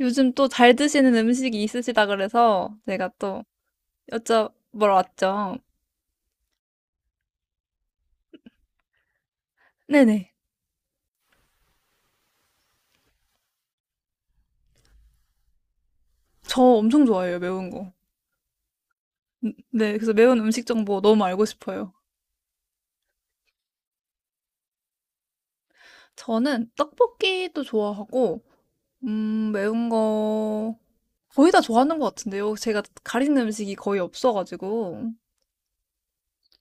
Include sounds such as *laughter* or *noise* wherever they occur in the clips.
요즘 또 잘 드시는 음식이 있으시다 그래서 제가 또 여쭤보러 왔죠. 네네. 저 엄청 좋아해요, 매운 거. 네, 그래서 매운 음식 정보 너무 알고 싶어요. 저는 떡볶이도 좋아하고, 매운 거 거의 다 좋아하는 것 같은데요. 제가 가리는 음식이 거의 없어가지고.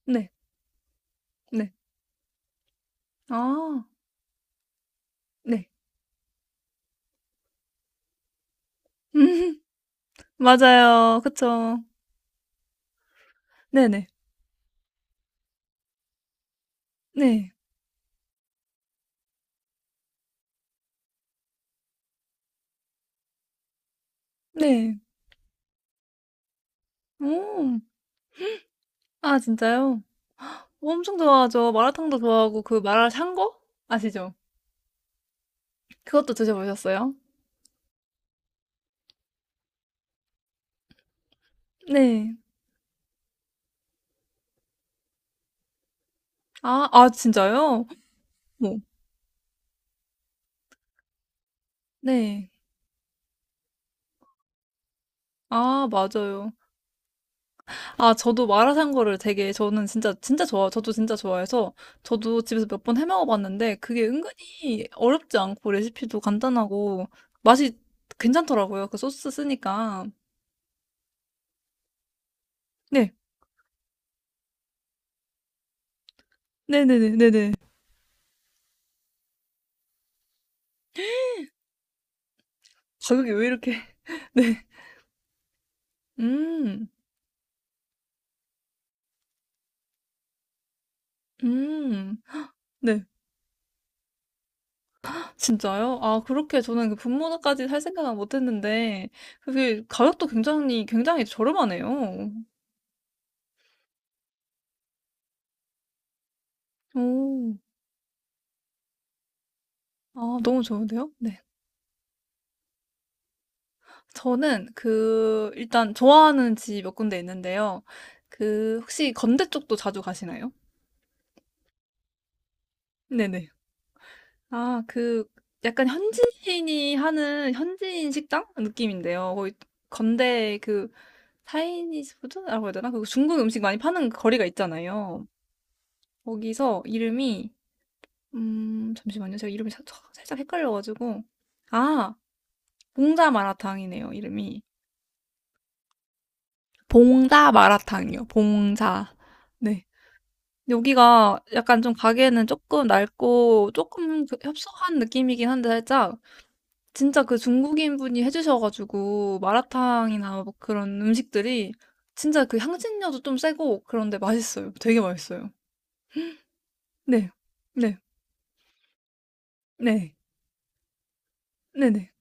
네, 네. 아, 네. *laughs* 맞아요. 그쵸. 네네. 네, 네. 오, 아, 진짜요? 뭐 엄청 좋아하죠. 마라탕도 좋아하고 그 마라 샹궈 아시죠? 그것도 드셔보셨어요? 네. 아, 아 진짜요? 뭐. 네. 아, 맞아요. 아, 저도 마라 샹궈를 되게 저는 진짜 진짜 좋아. 저도 진짜 좋아해서 저도 집에서 몇 번 해 먹어 봤는데 그게 은근히 어렵지 않고 레시피도 간단하고 맛이 괜찮더라고요. 그 소스 쓰니까. 네. 네네네네네. 가격이 왜 이렇게. *laughs* 네. 음. 음. 네. 진짜요? 아 그렇게 저는 그 분모까지 살 생각은 못 했는데 그게 가격도 굉장히, 굉장히 저렴하네요. 오. 아 너무 좋은데요? 네. 저는 그 일단 좋아하는 집 몇 군데 있는데요. 그 혹시 건대 쪽도 자주 가시나요? 네네. 아 그 약간 현지인이 하는 현지인 식당 느낌인데요. 거기 건대 그 차이니즈 푸드라고 해야 되나? 그 중국 음식 많이 파는 거리가 있잖아요. 거기서 이름이 잠시만요. 제가 이름이 살 살짝 헷갈려 가지고. 아 봉자 마라탕이네요 이름이. 봉자 마라탕이요. 봉자. 네. 여기가 약간 좀 가게는 조금 낡고 조금 그 협소한 느낌이긴 한데 살짝 진짜 그 중국인분이 해 주셔 가지고 마라탕이나 뭐 그런 음식들이 진짜 그 향신료도 좀 세고 그런데 맛있어요. 되게 맛있어요. 네. 네. 네. 네네.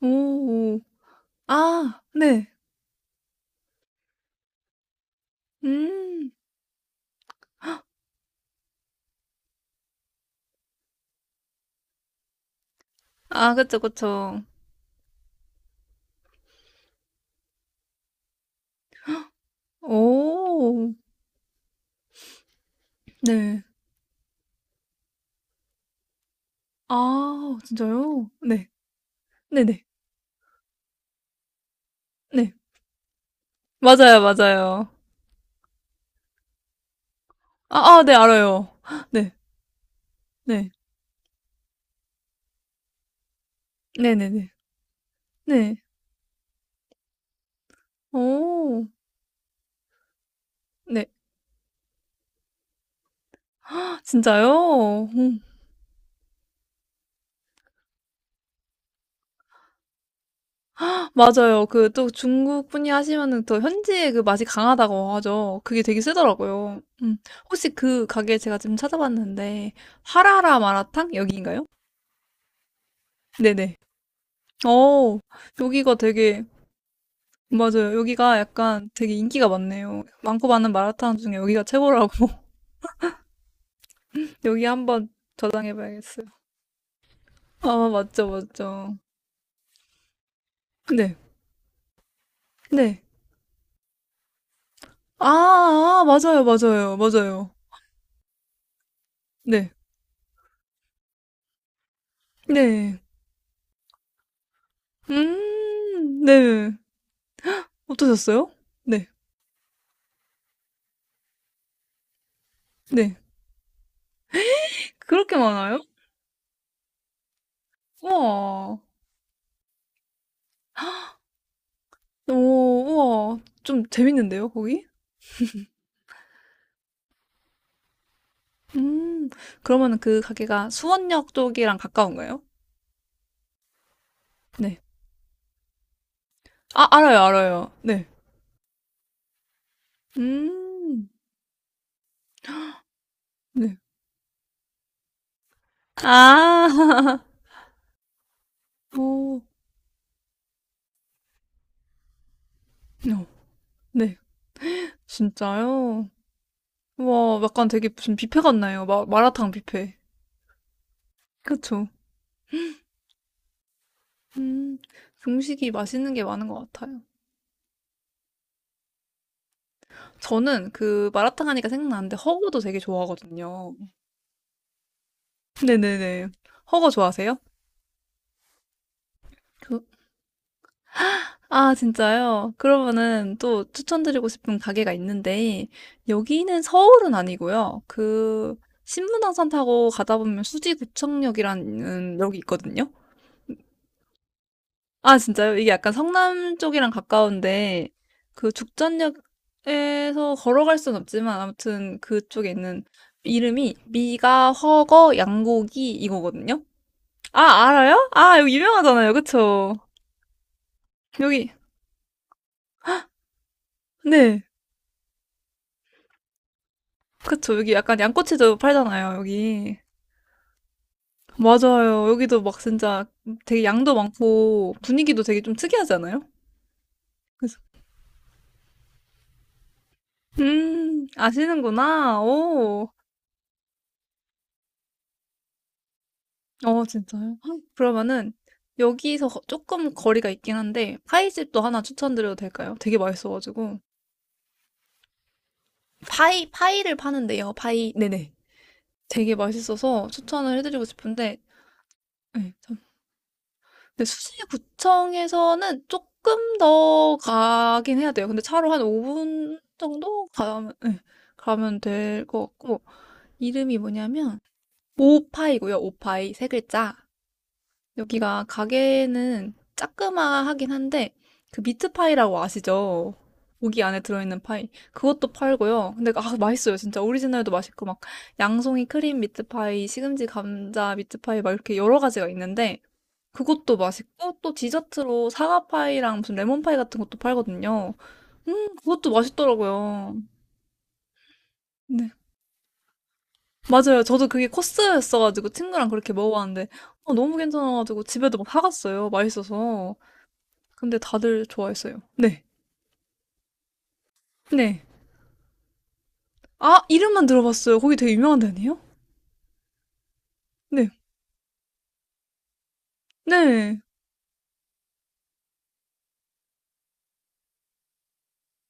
오. 오. 아 네. 음. 아 그쵸, 그쵸. 오 네. 아 진짜요? 네. 네네. 네. 네. 맞아요, 맞아요. 아아 네 알아요. 네. 네. 네네네. 네. 어 네. 진짜요? 음. 맞아요. 그 또 중국 분이 하시면은 더 현지의 그 맛이 강하다고 하죠. 그게 되게 세더라고요. 음. 혹시 그 가게 제가 지금 찾아봤는데 하라라 마라탕 여기인가요? 네네. 어 여기가 되게 맞아요. 여기가 약간 되게 인기가 많네요. 많고 많은 마라탕 중에 여기가 최고라고. *laughs* 여기 한번 저장해봐야겠어요. 아, 맞죠, 맞죠. 네, 네. 아, 아, 맞아요, 맞아요, 맞아요. 네, 네. 네. 어떠셨어요? 네, 네. 그렇게 많아요? 우와. 오, 우와. 좀 재밌는데요, 거기? 음, 그러면 그 가게가 수원역 쪽이랑 가까운가요? 네. 아, 알아요, 알아요. 네. 음, 네. 아, *laughs* 오, 어, 네, 진짜요? 와, 약간 되게 무슨 뷔페 같나요? 마라탕 뷔페. 그쵸? 음, 중식이 맛있는 게 많은 것 같아요. 저는 그 마라탕 하니까 생각나는데 허거도 되게 좋아하거든요. 네네네. 허거 좋아하세요? 그- 아, 진짜요? 그러면은 또 추천드리고 싶은 가게가 있는데, 여기는 서울은 아니고요. 그, 신분당선 타고 가다 보면 수지구청역이라는 역이 있거든요. 아, 진짜요? 이게 약간 성남 쪽이랑 가까운데, 그 죽전역에서 걸어갈 순 없지만, 아무튼 그쪽에 있는 이름이 미가, 허거, 양고기 이거거든요? 아, 알아요? 아, 여기 유명하잖아요. 그쵸? 여기, 네. 그쵸. 여기 약간 양꼬치도 팔잖아요. 여기. 맞아요. 여기도 막 진짜 되게 양도 많고, 분위기도 되게 좀 특이하잖아요? 그래서, 아시는구나. 오. 어 진짜요? 헉, 그러면은 여기서 조금 거리가 있긴 한데 파이집도 하나 추천드려도 될까요? 되게 맛있어가지고 파이를 파는데요. 파이 네네. 되게 맛있어서 추천을 해드리고 싶은데 네, 참. 근데 수지구청에서는 조금 더 가긴 해야 돼요. 근데 차로 한 5분 정도 가면 네, 가면 될 것 같고 이름이 뭐냐면 오파이고요. 오파이 세 글자 여기가 가게는 짜그마하긴 한데 그 미트파이라고 아시죠? 고기 안에 들어있는 파이 그것도 팔고요. 근데 아 맛있어요 진짜 오리지널도 맛있고 막 양송이 크림 미트파이, 시금치 감자 미트파이 막 이렇게 여러 가지가 있는데 그것도 맛있고 또 디저트로 사과파이랑 무슨 레몬파이 같은 것도 팔거든요. 그것도 맛있더라고요. 네 맞아요. 저도 그게 코스였어가지고 친구랑 그렇게 먹어봤는데 어, 너무 괜찮아가지고 집에도 막 사갔어요. 맛있어서. 근데 다들 좋아했어요. 네. 네. 아, 이름만 들어봤어요. 거기 되게 유명한 데 아니에요? 네. 네.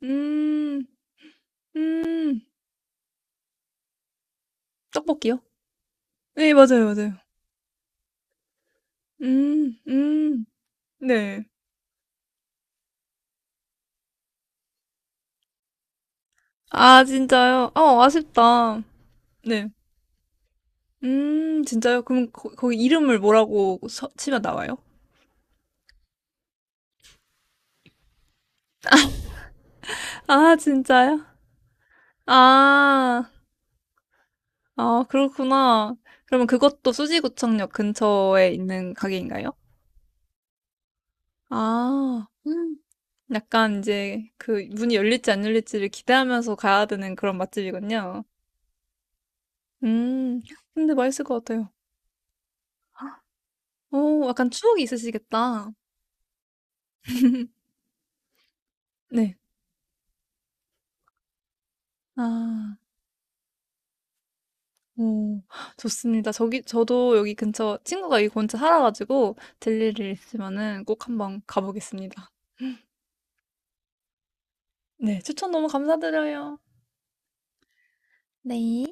음, 음, 떡볶이요? 네, 맞아요, 맞아요. 음, 음, 네. 아, 진짜요? 어, 아쉽다. 네. 진짜요? 그럼 거기 이름을 뭐라고 치면 나와요? 아, 진짜요? 아, 아, 그렇구나. 그러면 그것도 수지구청역 근처에 있는 가게인가요? 아, 약간 이제 그 문이 열릴지 안 열릴지를 기대하면서 가야 되는 그런 맛집이군요. 음, 근데 맛있을 것 같아요. 오, 약간 추억이 있으시겠다. *laughs* 네. 아, 오, 좋습니다. 저기, 저도 여기 근처 친구가 이 근처 살아가지고 들릴 일 있으면은 꼭 한번 가보겠습니다. 네, 추천 너무 감사드려요. 네.